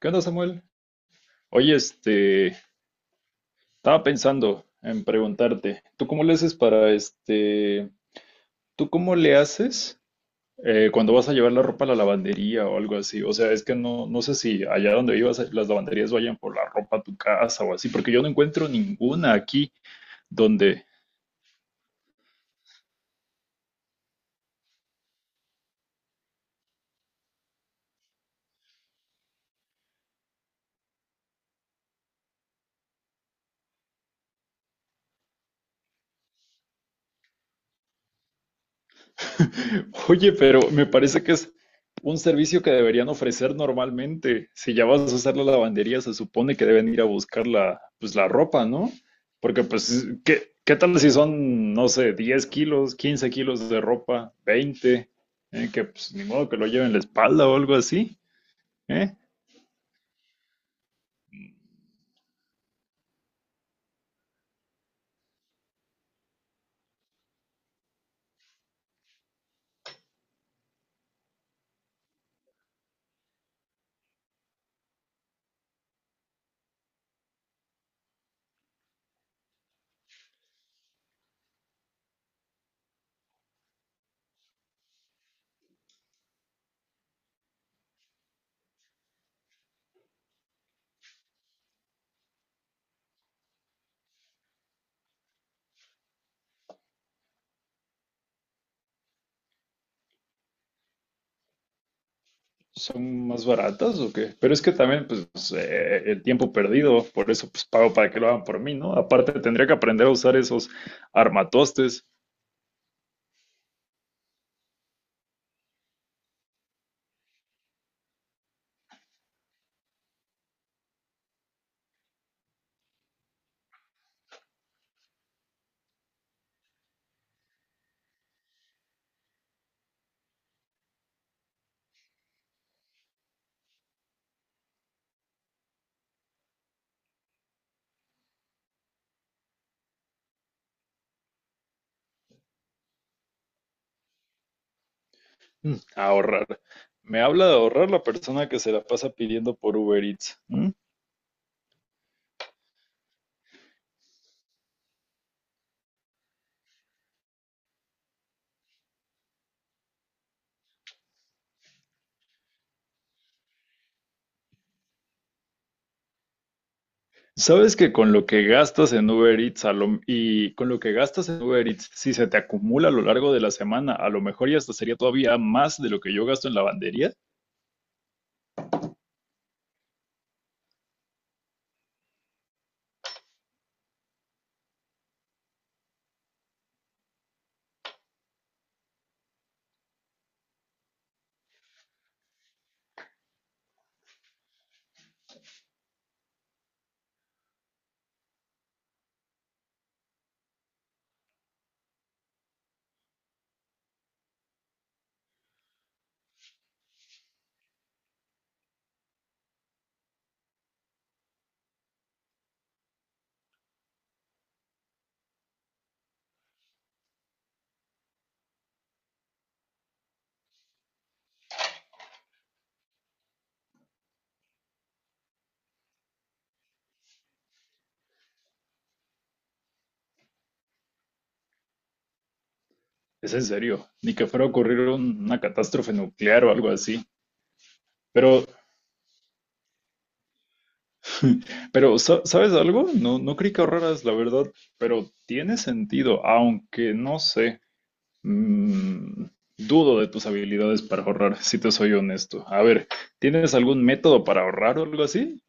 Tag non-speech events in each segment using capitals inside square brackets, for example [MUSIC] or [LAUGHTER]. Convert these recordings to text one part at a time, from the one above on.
¿Qué onda, Samuel? Oye, estaba pensando en preguntarte, tú cómo le haces cuando vas a llevar la ropa a la lavandería o algo así? O sea, es que no sé si allá donde vivas, las lavanderías vayan por la ropa a tu casa o así, porque yo no encuentro ninguna aquí donde, Oye, pero me parece que es un servicio que deberían ofrecer normalmente. Si ya vas a usar la lavandería, se supone que deben ir a buscar pues la ropa, ¿no? Porque, pues, ¿qué tal si son, no sé, 10 kilos, 15 kilos de ropa, 20? ¿Eh? Que, pues, ni modo que lo lleven en la espalda o algo así. ¿Eh? ¿Son más baratas o qué? Pero es que también, pues, el tiempo perdido, por eso, pues, pago para que lo hagan por mí, ¿no? Aparte, tendría que aprender a usar esos armatostes. Ahorrar. Me habla de ahorrar la persona que se la pasa pidiendo por Uber Eats. ¿M? ¿Sabes que con lo que gastas en Uber Eats y con lo que gastas en Uber Eats, si se te acumula a lo largo de la semana, a lo mejor ya hasta sería todavía más de lo que yo gasto en lavandería? Es en serio, ni que fuera a ocurrir una catástrofe nuclear o algo así. Pero, [LAUGHS] pero, ¿sabes algo? No, no creí que ahorraras, la verdad, pero tiene sentido, aunque no sé. Mm, Dudo de tus habilidades para ahorrar, si te soy honesto. A ver, ¿tienes algún método para ahorrar o algo así?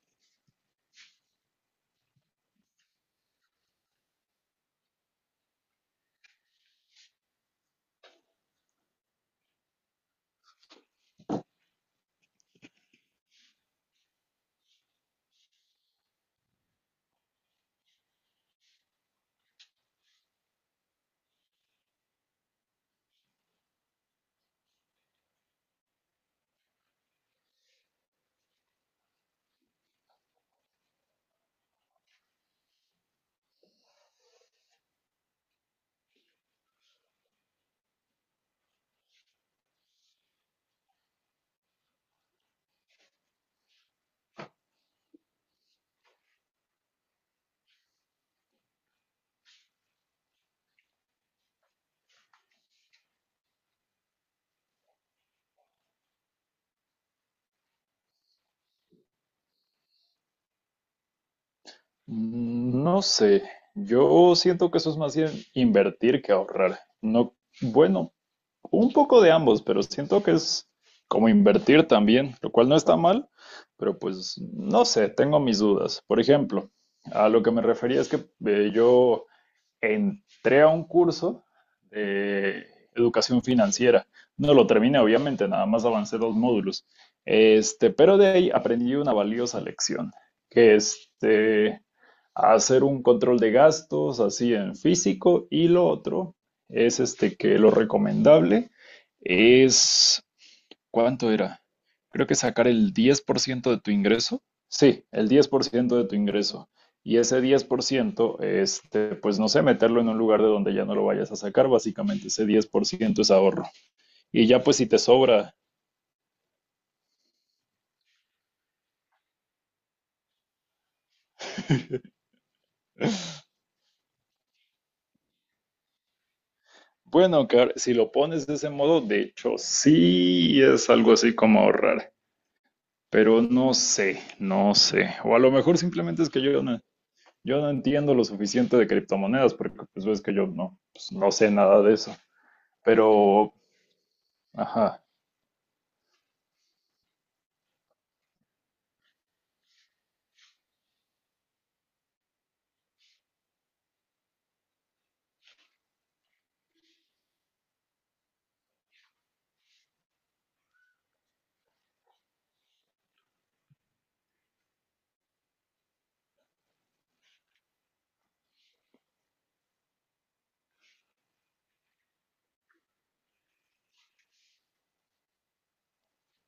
No sé. Yo siento que eso es más bien invertir que ahorrar. No, bueno, un poco de ambos, pero siento que es como invertir también, lo cual no está mal, pero pues no sé, tengo mis dudas. Por ejemplo, a lo que me refería es que yo entré a un curso de educación financiera. No lo terminé, obviamente, nada más avancé dos módulos. Pero de ahí aprendí una valiosa lección, que es hacer un control de gastos así en físico, y lo otro es que lo recomendable es ¿cuánto era? Creo que sacar el 10% de tu ingreso. Sí, el 10% de tu ingreso. Y ese 10%, pues no sé, meterlo en un lugar de donde ya no lo vayas a sacar. Básicamente ese 10% es ahorro. Y ya pues si te sobra, bueno, que si lo pones de ese modo, de hecho sí es algo así como ahorrar, pero no sé. O a lo mejor simplemente es que yo no entiendo lo suficiente de criptomonedas, porque pues ves que yo no, pues, no sé nada de eso. Pero, ajá.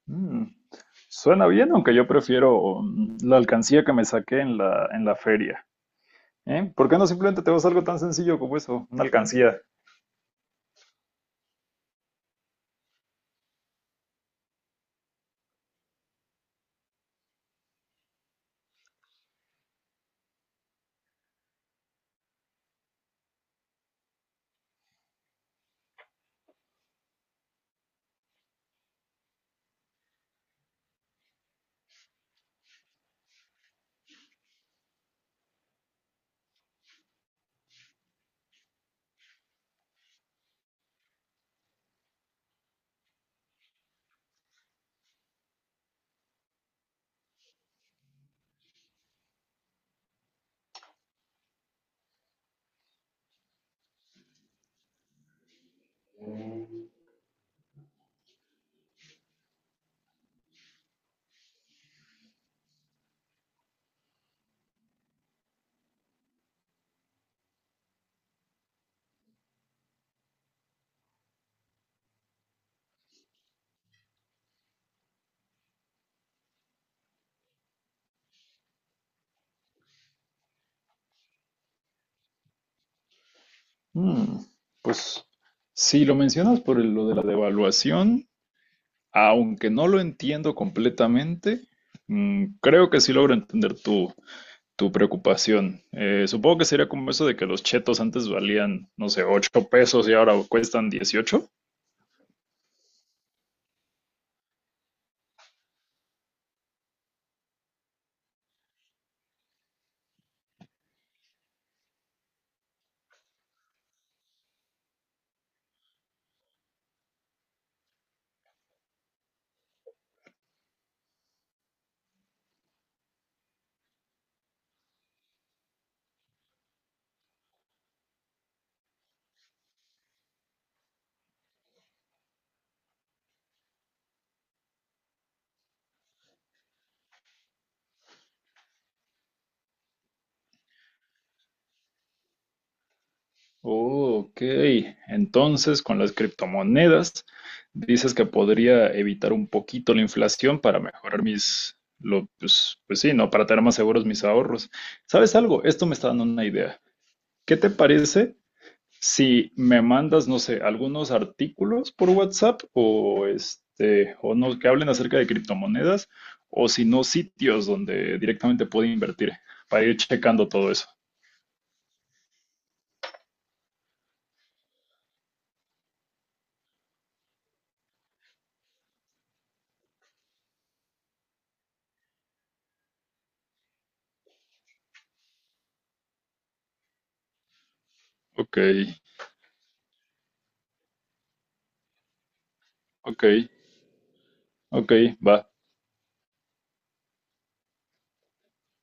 Mm. Suena bien, aunque yo prefiero la alcancía que me saqué en en la feria. ¿Eh? ¿Por qué no simplemente te vas a algo tan sencillo como eso? Una alcancía. Mm, Pues si lo mencionas por lo de la devaluación, aunque no lo entiendo completamente, creo que sí logro entender tu preocupación. Supongo que sería como eso de que los chetos antes valían, no sé, $8 y ahora cuestan 18. Oh, ok, entonces con las criptomonedas dices que podría evitar un poquito la inflación para mejorar pues sí, ¿no? Para tener más seguros mis ahorros. ¿Sabes algo? Esto me está dando una idea. ¿Qué te parece si me mandas, no sé, algunos artículos por WhatsApp o o no, que hablen acerca de criptomonedas o si no, sitios donde directamente puedo invertir para ir checando todo eso? Ok, ok, ok, va.